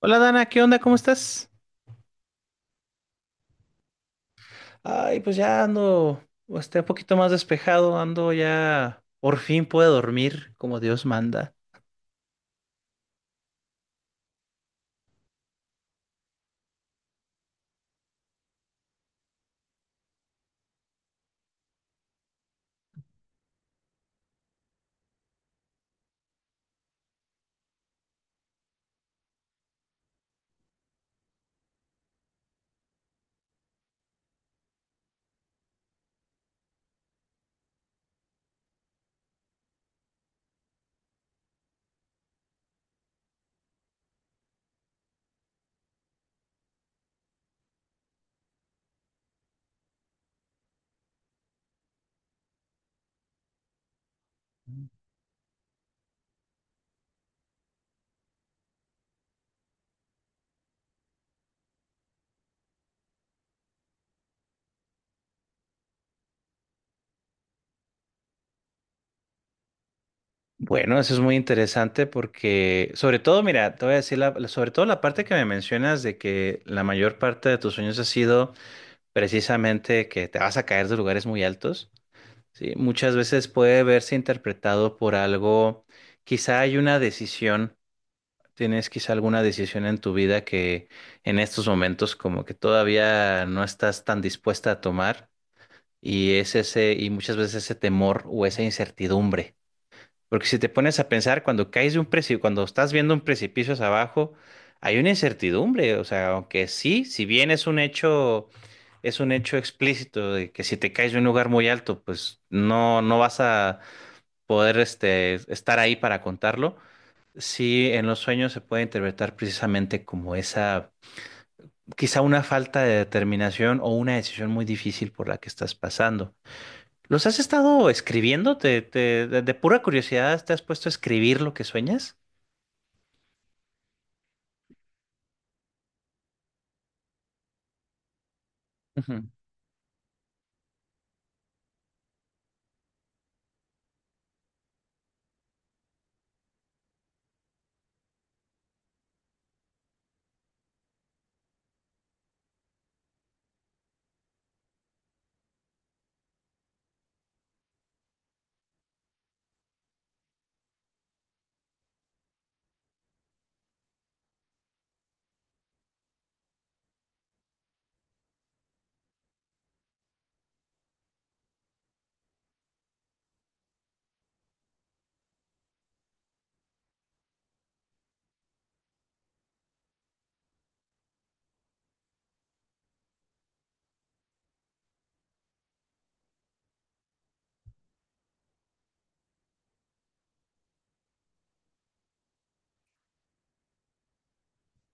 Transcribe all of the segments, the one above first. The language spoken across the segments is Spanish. Hola Dana, ¿qué onda? ¿Cómo estás? Ay, pues ya ando, un poquito más despejado, ando ya, por fin puedo dormir como Dios manda. Bueno, eso es muy interesante porque, sobre todo, mira, te voy a decir, sobre todo la parte que me mencionas de que la mayor parte de tus sueños ha sido precisamente que te vas a caer de lugares muy altos, ¿sí? Muchas veces puede verse interpretado por algo, quizá hay una decisión. ¿Tienes quizá alguna decisión en tu vida que en estos momentos como que todavía no estás tan dispuesta a tomar? Y es ese, y muchas veces ese temor o esa incertidumbre. Porque si te pones a pensar, cuando caes de un precipicio, cuando estás viendo un precipicio hacia abajo, hay una incertidumbre. O sea, aunque sí, si bien es un hecho explícito de que si te caes de un lugar muy alto, pues no, no vas a poder estar ahí para contarlo. Sí, en los sueños se puede interpretar precisamente como esa, quizá una falta de determinación o una decisión muy difícil por la que estás pasando. ¿Los has estado escribiendo? ¿De pura curiosidad te has puesto a escribir lo que sueñas? Ujú.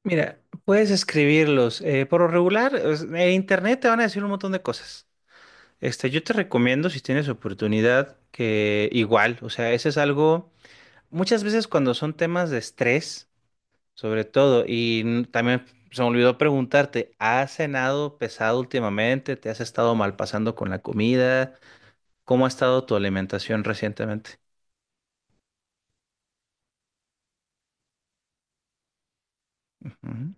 Mira, puedes escribirlos. Por lo regular, en internet te van a decir un montón de cosas. Yo te recomiendo, si tienes oportunidad, que igual, o sea, ese es algo, muchas veces cuando son temas de estrés. Sobre todo, y también se me olvidó preguntarte, ¿has cenado pesado últimamente? ¿Te has estado mal pasando con la comida? ¿Cómo ha estado tu alimentación recientemente? Ujú.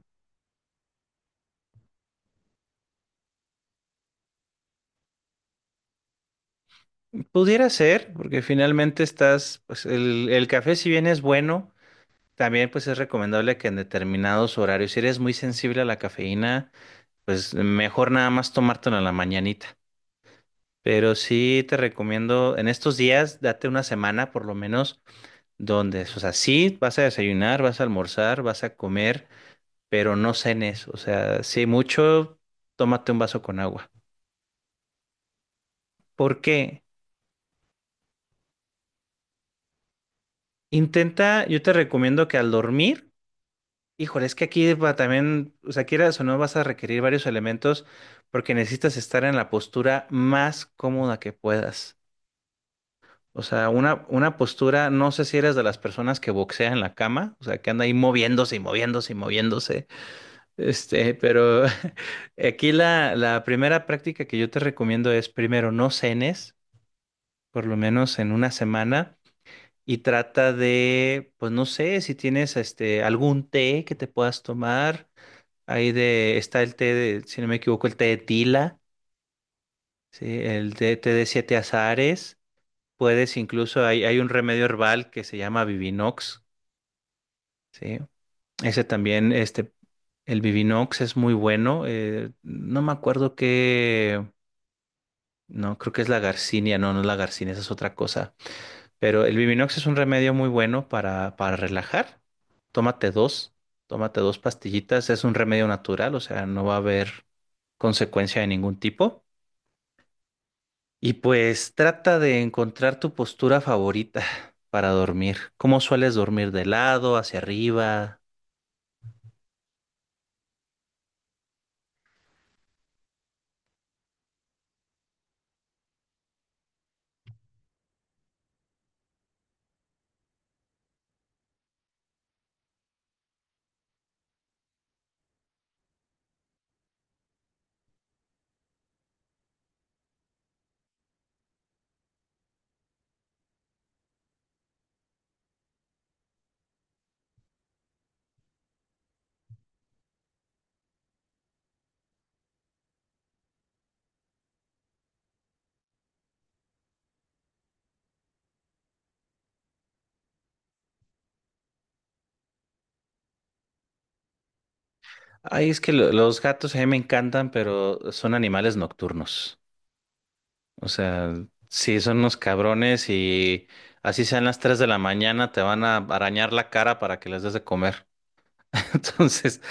Pudiera ser, porque finalmente estás, pues el café si bien es bueno, también pues es recomendable que en determinados horarios, si eres muy sensible a la cafeína, pues mejor nada más tomártelo en la mañanita. Pero sí te recomiendo en estos días, date una semana por lo menos donde, o sea, sí, vas a desayunar, vas a almorzar, vas a comer, pero no cenes, o sea, si mucho, tómate un vaso con agua. ¿Por qué? Intenta, yo te recomiendo que al dormir, híjole, es que aquí va también, o sea, quieras o no, vas a requerir varios elementos porque necesitas estar en la postura más cómoda que puedas. O sea, una postura, no sé si eres de las personas que boxean en la cama, o sea, que anda ahí moviéndose y moviéndose y moviéndose. Pero aquí la primera práctica que yo te recomiendo es primero no cenes, por lo menos en una semana, y trata de, pues no sé, si tienes algún té que te puedas tomar. Está el té de, si no me equivoco, el té de tila, ¿sí? El té de siete azares. Puedes incluso, hay un remedio herbal que se llama Vivinox, ¿sí? Ese también, el Vivinox es muy bueno. No me acuerdo qué. No, creo que es la garcinia, no, no es la garcinia, esa es otra cosa. Pero el Biminox es un remedio muy bueno para relajar. Tómate dos, tómate dos pastillitas, es un remedio natural, o sea, no va a haber consecuencia de ningún tipo. Y pues trata de encontrar tu postura favorita para dormir. ¿Cómo sueles dormir de lado, hacia arriba? Ay, es que los gatos a mí me encantan, pero son animales nocturnos. O sea, sí, son unos cabrones y así sean las 3 de la mañana, te van a arañar la cara para que les des de comer. Entonces,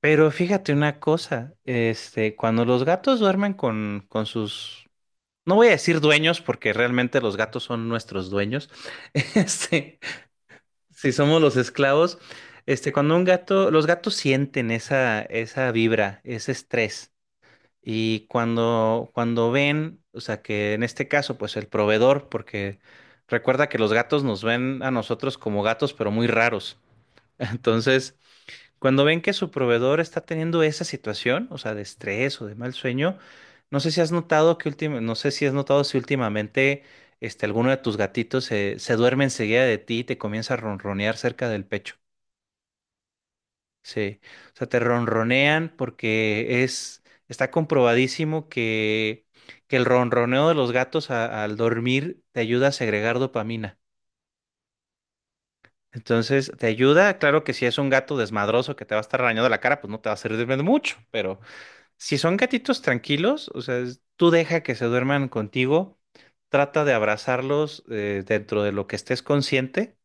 pero fíjate una cosa, cuando los gatos duermen con sus, no voy a decir dueños, porque realmente los gatos son nuestros dueños, este, si somos los esclavos, cuando un gato, los gatos sienten esa vibra, ese estrés. Y cuando ven, o sea, que en este caso, pues el proveedor, porque recuerda que los gatos nos ven a nosotros como gatos, pero muy raros. Entonces, cuando ven que su proveedor está teniendo esa situación, o sea, de estrés o de mal sueño, no sé si has notado si últimamente alguno de tus gatitos se duerme enseguida de ti y te comienza a ronronear cerca del pecho. Sí, o sea, te ronronean porque es, está comprobadísimo que el ronroneo de los gatos al dormir te ayuda a segregar dopamina. Entonces, te ayuda, claro que si es un gato desmadroso que te va a estar arañando la cara, pues no te va a servir de mucho, pero si son gatitos tranquilos, o sea, tú deja que se duerman contigo, trata de abrazarlos dentro de lo que estés consciente,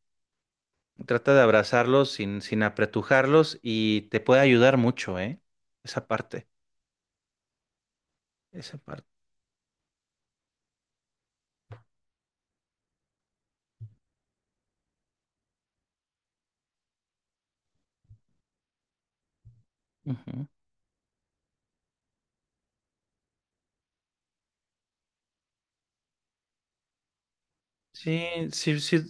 trata de abrazarlos sin apretujarlos y te puede ayudar mucho, ¿eh? Esa parte. Esa parte. Ujú. Sí, sí, sí.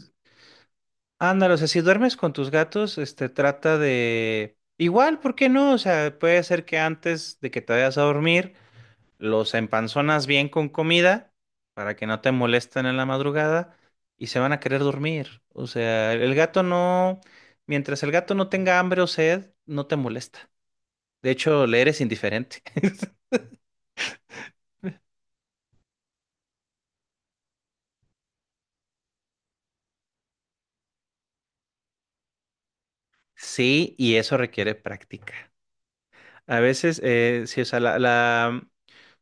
Ándale, o sea, si duermes con tus gatos, trata de... Igual, ¿por qué no? O sea, puede ser que antes de que te vayas a dormir, los empanzonas bien con comida para que no te molesten en la madrugada y se van a querer dormir. O sea, el gato no... Mientras el gato no tenga hambre o sed, no te molesta. De hecho, le eres indiferente. Sí, y eso requiere práctica. A veces, sí, o sea,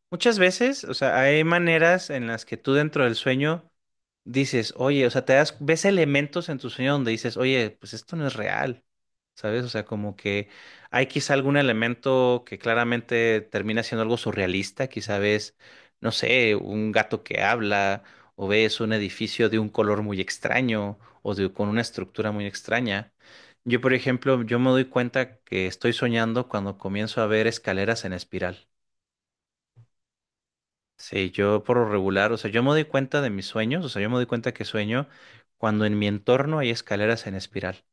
muchas veces, o sea, hay maneras en las que tú dentro del sueño dices, oye, o sea, ves elementos en tu sueño donde dices, oye, pues esto no es real, ¿sabes? O sea, como que hay quizá algún elemento que claramente termina siendo algo surrealista, quizá ves, no sé, un gato que habla, o ves un edificio de un color muy extraño, o con una estructura muy extraña. Yo, por ejemplo, yo me doy cuenta que estoy soñando cuando comienzo a ver escaleras en espiral. Sí, yo por lo regular, o sea, yo me doy cuenta de mis sueños, o sea, yo me doy cuenta que sueño cuando en mi entorno hay escaleras en espiral.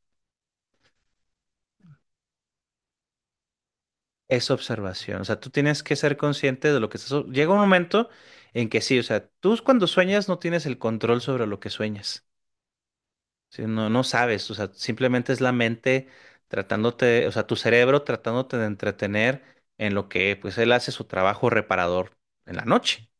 Es observación, o sea, tú tienes que ser consciente de lo que estás... Llega un momento en que sí, o sea, tú cuando sueñas no tienes el control sobre lo que sueñas, ¿sí? No, no sabes, o sea, simplemente es la mente tratándote, o sea, tu cerebro tratándote de entretener en lo que, pues, él hace su trabajo reparador en la noche.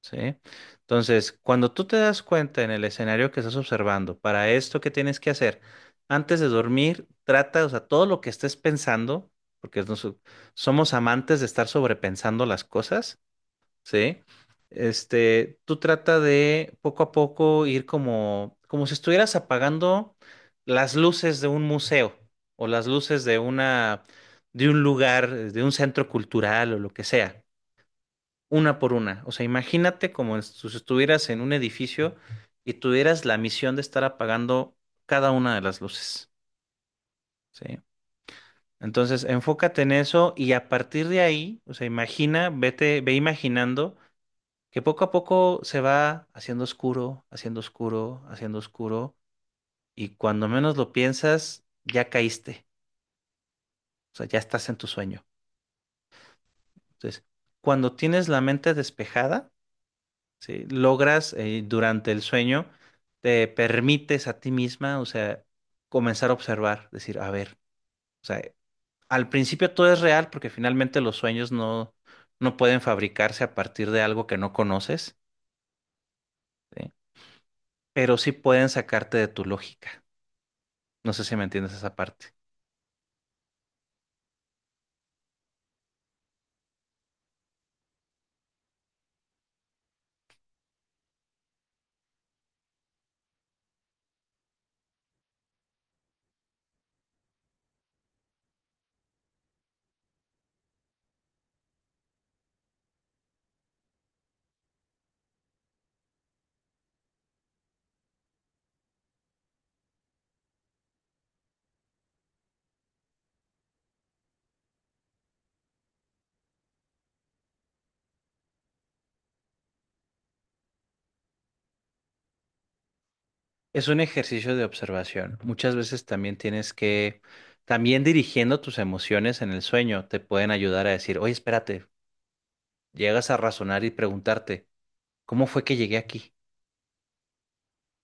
¿Sí? Entonces, cuando tú te das cuenta en el escenario que estás observando, para esto que tienes que hacer, antes de dormir, trata, o sea, todo lo que estés pensando, porque somos amantes de estar sobrepensando las cosas, ¿sí? Tú trata de poco a poco ir como si estuvieras apagando las luces de un museo o las luces de de un lugar, de un centro cultural o lo que sea una por una. O sea, imagínate como si estuvieras en un edificio y tuvieras la misión de estar apagando cada una de las luces, ¿sí? Entonces, enfócate en eso y a partir de ahí, o sea, ve imaginando que poco a poco se va haciendo oscuro, haciendo oscuro, haciendo oscuro y cuando menos lo piensas, ya caíste, o sea, ya estás en tu sueño. Entonces, cuando tienes la mente despejada, ¿sí? Logras durante el sueño, te permites a ti misma, o sea, comenzar a observar, decir, a ver, o sea, al principio todo es real porque finalmente los sueños no, no pueden fabricarse a partir de algo que no conoces, ¿sí? Pero sí pueden sacarte de tu lógica. No sé si me entiendes esa parte. Es un ejercicio de observación. Muchas veces también tienes que, también dirigiendo tus emociones en el sueño, te pueden ayudar a decir, oye, espérate, llegas a razonar y preguntarte. ¿Cómo fue que llegué aquí?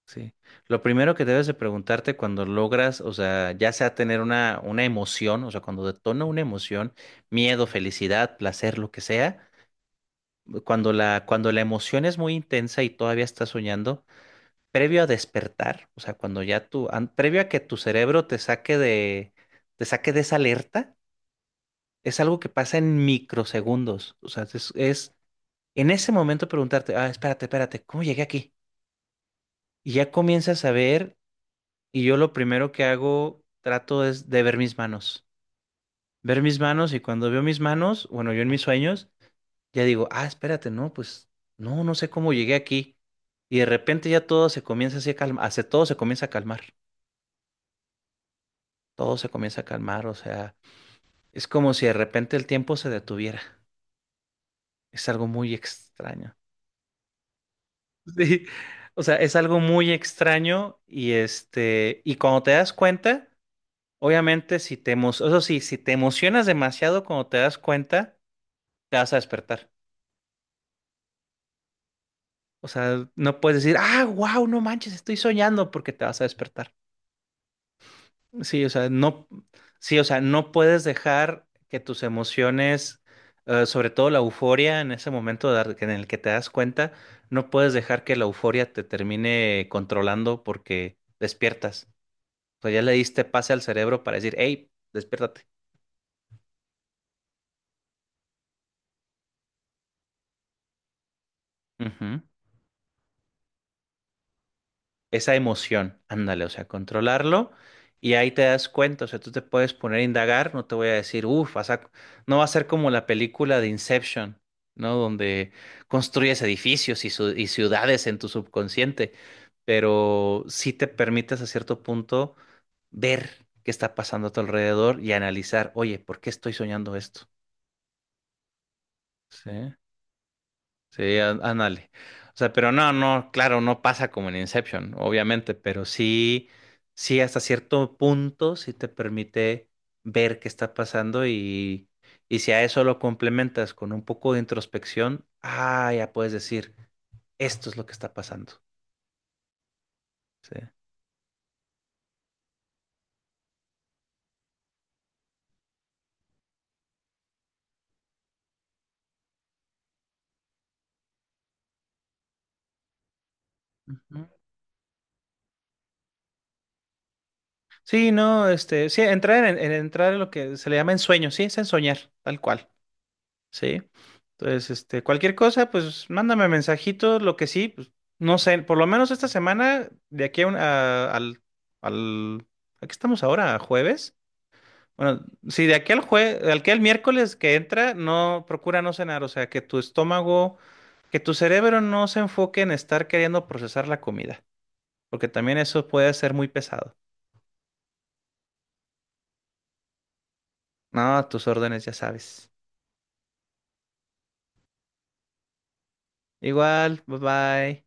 Sí. Lo primero que debes de preguntarte cuando logras, o sea, ya sea tener una emoción, o sea, cuando detona una emoción, miedo, felicidad, placer, lo que sea, cuando la emoción es muy intensa y todavía estás soñando, previo a despertar, o sea, cuando previo a que tu cerebro te saque de esa alerta, es algo que pasa en microsegundos. O sea, es en ese momento preguntarte, ah, espérate, espérate, ¿cómo llegué aquí? Y ya comienzas a ver. Y yo lo primero que hago, trato es de ver mis manos. Ver mis manos y cuando veo mis manos, bueno, yo en mis sueños, ya digo, ah, espérate, no, pues no, no sé cómo llegué aquí. Y de repente ya todo se comienza así a calmar, todo se comienza a calmar, todo se comienza a calmar, o sea, es como si de repente el tiempo se detuviera. Es algo muy extraño. Sí, o sea, es algo muy extraño y cuando te das cuenta, obviamente si eso sí, si te emocionas demasiado cuando te das cuenta, te vas a despertar. O sea, no puedes decir, ah, wow, no manches, estoy soñando porque te vas a despertar. Sí, o sea, no, sí, o sea, no puedes dejar que tus emociones, sobre todo la euforia en ese momento en el que te das cuenta, no puedes dejar que la euforia te termine controlando porque despiertas. O sea, ya le diste pase al cerebro para decir, hey, despiértate. Ujú. Esa emoción, ándale, o sea, controlarlo y ahí te das cuenta, o sea, tú te puedes poner a indagar, no te voy a decir, uff, no va a ser como la película de Inception, ¿no? Donde construyes edificios y ciudades en tu subconsciente, pero sí te permites a cierto punto ver qué está pasando a tu alrededor y analizar, oye, ¿por qué estoy soñando esto? Sí. Sí, ándale. O sea, pero no, no, claro, no pasa como en Inception, obviamente, pero sí, sí, hasta cierto punto sí te permite ver qué está pasando y si a eso lo complementas con un poco de introspección, ah, ya puedes decir, esto es lo que está pasando. Sí. Ujú. Sí, no, sí, entrar en lo que se le llama ensueño, sí, es ensoñar, tal cual. Sí. Entonces, cualquier cosa, pues mándame mensajitos, lo que sí, pues, no sé, por lo menos esta semana, de aquí a, un- a- al, al, ¿A qué estamos ahora? ¿A ¿Jueves? Bueno, sí, de aquí al jue, al que el miércoles que entra, no, procura no cenar, o sea, que tu estómago, que tu cerebro no se enfoque en estar queriendo procesar la comida, porque también eso puede ser muy pesado. No, tus órdenes ya sabes. Igual, bye bye.